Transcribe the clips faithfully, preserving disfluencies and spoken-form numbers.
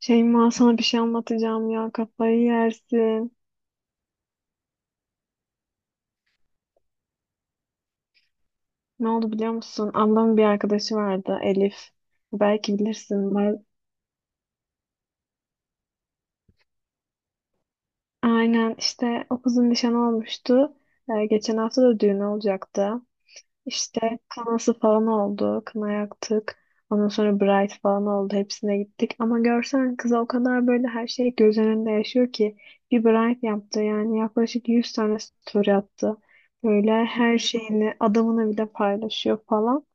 Şeyma sana bir şey anlatacağım ya kafayı yersin. Ne oldu biliyor musun? Ablamın bir arkadaşı vardı Elif. Belki bilirsin. Ben... Aynen işte o kızın nişanı olmuştu. Ee, geçen hafta da düğünü olacaktı. İşte kınası falan oldu. Kına yaktık. Ondan sonra bride falan oldu. Hepsine gittik. Ama görsen kıza o kadar böyle her şey göz önünde yaşıyor ki. Bir bride yaptı yani yaklaşık yüz tane story attı. Böyle her şeyini adamını bile paylaşıyor falan.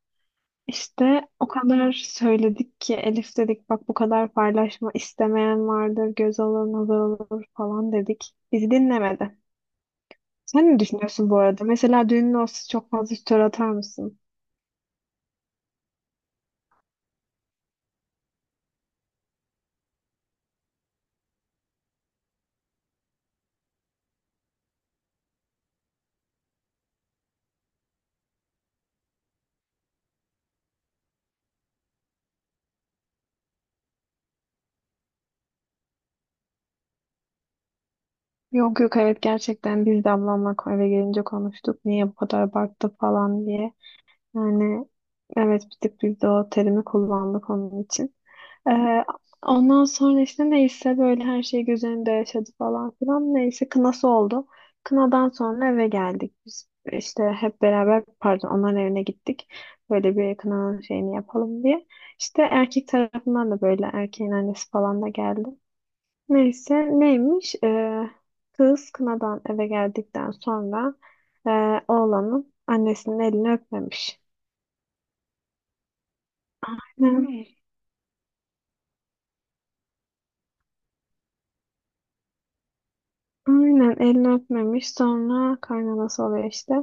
İşte o kadar söyledik ki Elif dedik bak bu kadar paylaşma, istemeyen vardır, göz alır nazar olur falan dedik. Bizi dinlemedi. Sen ne düşünüyorsun bu arada? Mesela düğünün olsa çok fazla story atar mısın? Yok yok, evet, gerçekten biz de ablamla eve gelince konuştuk. Niye bu kadar abarttı falan diye. Yani evet, bir tık biz de o terimi kullandık onun için. Ee, Ondan sonra işte neyse böyle her şey göz önünde yaşadı falan filan. Neyse kınası oldu. Kınadan sonra eve geldik. Biz işte hep beraber pardon onların evine gittik. Böyle bir kınanın şeyini yapalım diye. İşte erkek tarafından da böyle erkeğin annesi falan da geldi. Neyse neymiş? Ee, kız kınadan eve geldikten sonra e, oğlanın annesinin elini öpmemiş. Aynen. Aynen elini öpmemiş, sonra kaynanası oluyor işte.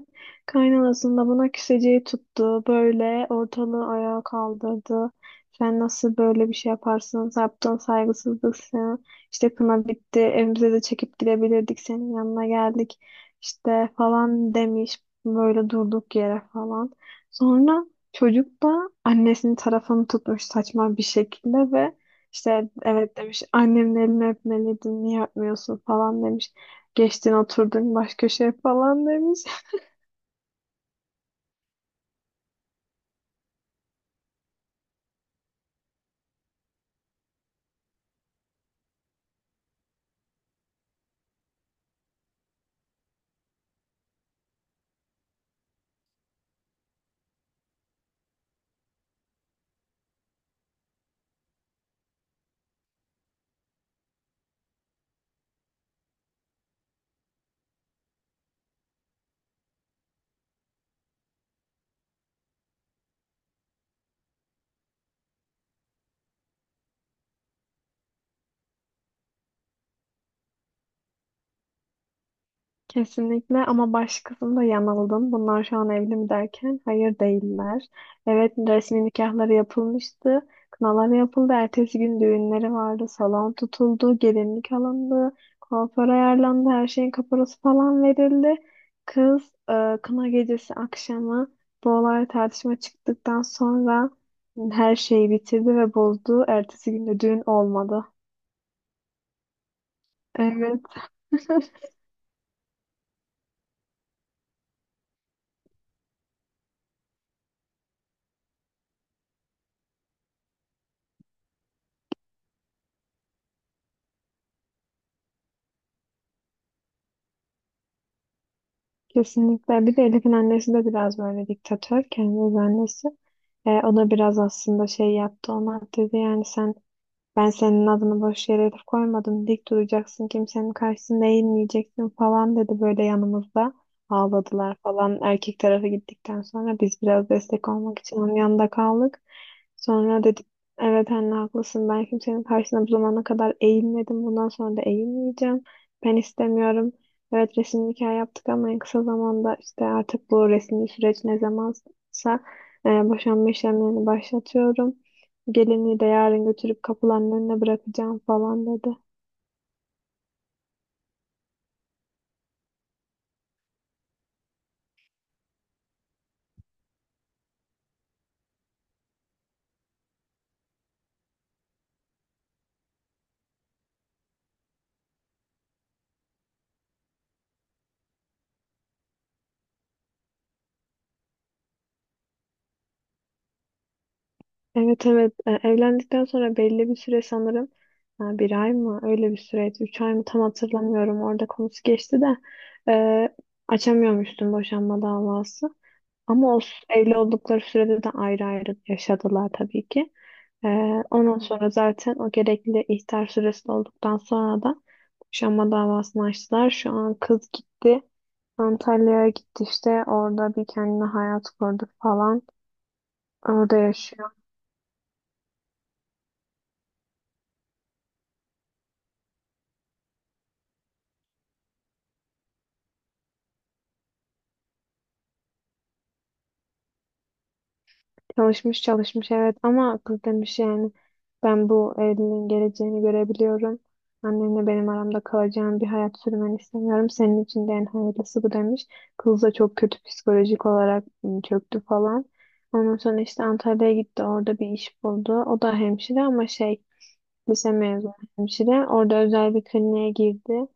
Kaynanasının da buna küseceği tuttu. Böyle ortalığı ayağa kaldırdı. Sen nasıl böyle bir şey yaparsın? Yaptığın saygısızlık sana. İşte kına bitti. Evimize de çekip gidebilirdik. Senin yanına geldik. İşte falan demiş. Böyle durduk yere falan. Sonra çocuk da annesinin tarafını tutmuş saçma bir şekilde ve işte evet demiş, annemin elini öpmeliydin, niye öpmüyorsun falan demiş. Geçtin oturdun baş köşeye falan demiş. Kesinlikle, ama baş kısımda yanıldım. Bunlar şu an evli mi derken, hayır değiller. Evet, resmi nikahları yapılmıştı. Kınaları yapıldı. Ertesi gün düğünleri vardı. Salon tutuldu. Gelinlik alındı. Kuaför ayarlandı. Her şeyin kaparası falan verildi. Kız e, kına gecesi akşamı bu olay tartışma çıktıktan sonra her şeyi bitirdi ve bozdu. Ertesi gün de düğün olmadı. Evet. Kesinlikle. Bir de Elif'in annesi de biraz böyle diktatör. Kendi öz annesi. E, o da biraz aslında şey yaptı, ona dedi yani sen, ben senin adını boş yere Elif koymadım. Dik duracaksın, kimsenin karşısında eğilmeyeceksin falan dedi böyle yanımızda. Ağladılar falan. Erkek tarafı gittikten sonra biz biraz destek olmak için onun yanında kaldık. Sonra dedik evet anne haklısın, ben kimsenin karşısına bu zamana kadar eğilmedim, bundan sonra da eğilmeyeceğim. Ben istemiyorum. Evet resim nikah yaptık ama en kısa zamanda işte artık bu resmi süreç ne zamansa e, boşanma işlemlerini başlatıyorum. Gelinliği de yarın götürüp kapılarının önüne bırakacağım falan dedi. Evet evet. E, evlendikten sonra belli bir süre sanırım, ha, bir ay mı öyle bir süreydi, üç ay mı tam hatırlamıyorum, orada konusu geçti de e, açamıyormuştum boşanma davası, ama o s- evli oldukları sürede de ayrı ayrı yaşadılar tabii ki. E, Ondan sonra zaten o gerekli ihtar süresi dolduktan sonra da boşanma davasını açtılar. Şu an kız gitti, Antalya'ya gitti, işte orada bir kendine hayat kurdu falan, orada yaşıyor. Çalışmış çalışmış, evet, ama kız demiş yani ben bu evliliğin geleceğini görebiliyorum. Annemle benim aramda kalacağım bir hayat sürmeni istemiyorum. Senin için de en hayırlısı bu demiş. Kız da çok kötü psikolojik olarak ım, çöktü falan. Ondan sonra işte Antalya'ya gitti, orada bir iş buldu. O da hemşire ama şey, lise mezunu hemşire. Orada özel bir kliniğe girdi.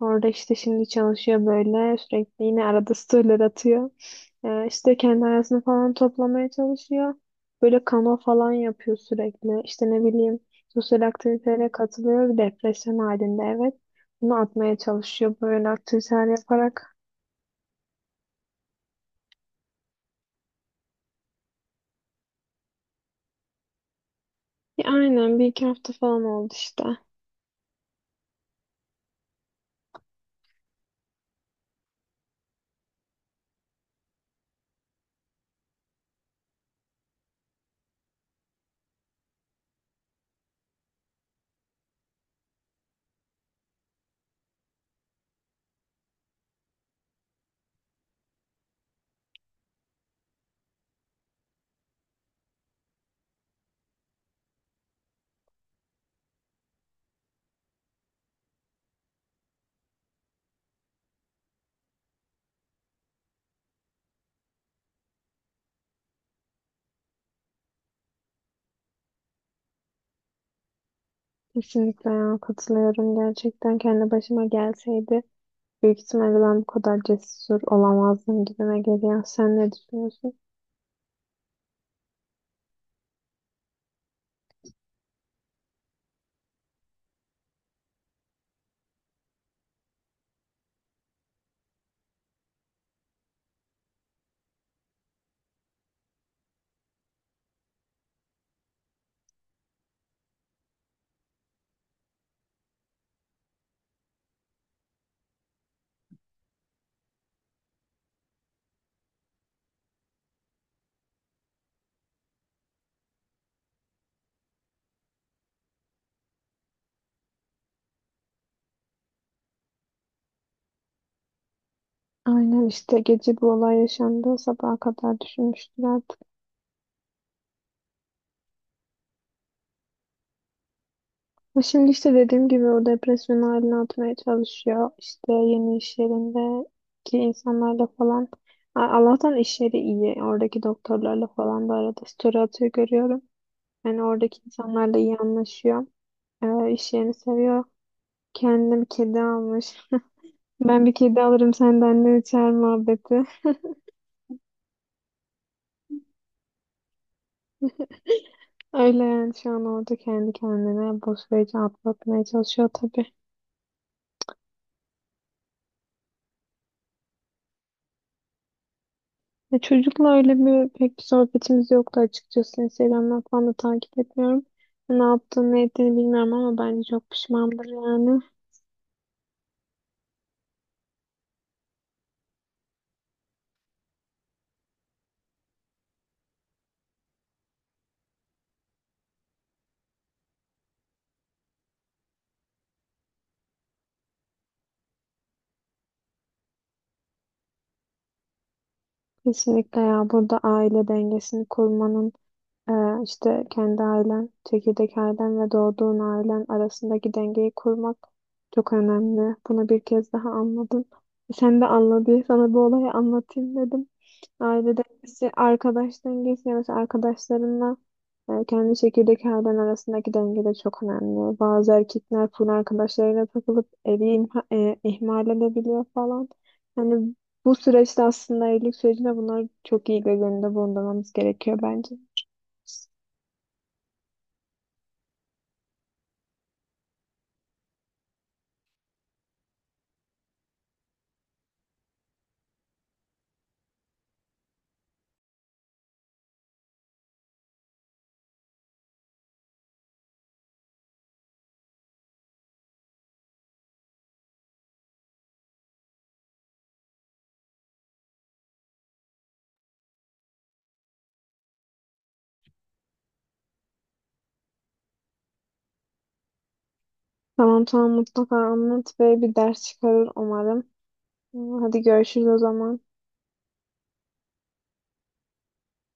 Orada işte şimdi çalışıyor böyle. Sürekli yine arada storyler atıyor. Ee, işte kendi hayatını falan toplamaya çalışıyor. Böyle kano falan yapıyor sürekli. İşte ne bileyim, sosyal aktivitelere katılıyor. Bir depresyon halinde, evet. Bunu atmaya çalışıyor böyle aktiviteler yaparak. Ya aynen, bir iki hafta falan oldu işte. Kesinlikle ya, katılıyorum. Gerçekten kendi başıma gelseydi, büyük ihtimalle ben bu kadar cesur olamazdım gibime geliyor. Sen ne düşünüyorsun? Aynen işte gece bu olay yaşandı. Sabaha kadar düşünmüştür artık. Ama şimdi işte dediğim gibi o depresyon haline atmaya çalışıyor. İşte yeni iş yerindeki insanlarla falan. A- Allah'tan iş yeri iyi. Oradaki doktorlarla falan da arada story atıyor, görüyorum. Yani oradaki insanlarla iyi anlaşıyor. Ee, iş yerini seviyor. Kendine bir kedi almış. Ben bir kedi alırım senden ne içer muhabbeti. Öyle yani şu an orada kendi kendine bu süreci atlatmaya çalışıyor tabii. E, çocukla öyle bir pek bir sohbetimiz yoktu açıkçası. Instagram'dan falan da takip etmiyorum. E, Ne yaptığını ne ettiğini bilmiyorum ama bence çok pişmandır yani. Kesinlikle ya, burada aile dengesini kurmanın, e, işte kendi ailen, çekirdek ailen ve doğduğun ailen arasındaki dengeyi kurmak çok önemli. Bunu bir kez daha anladım. E, Sen de anla diye sana bu olayı anlatayım dedim. Aile dengesi, arkadaş dengesi. Yani mesela arkadaşlarınla e, kendi çekirdek ailen arasındaki denge de çok önemli. Bazı erkekler full arkadaşlarıyla takılıp evi imha- e, ihmal edebiliyor falan. Yani bu süreçte aslında evlilik sürecinde bunları çok iyi göz önünde bulundurmamız gerekiyor bence. Tamam tamam, mutlaka anlat ve bir ders çıkarır umarım. Hadi görüşürüz o zaman.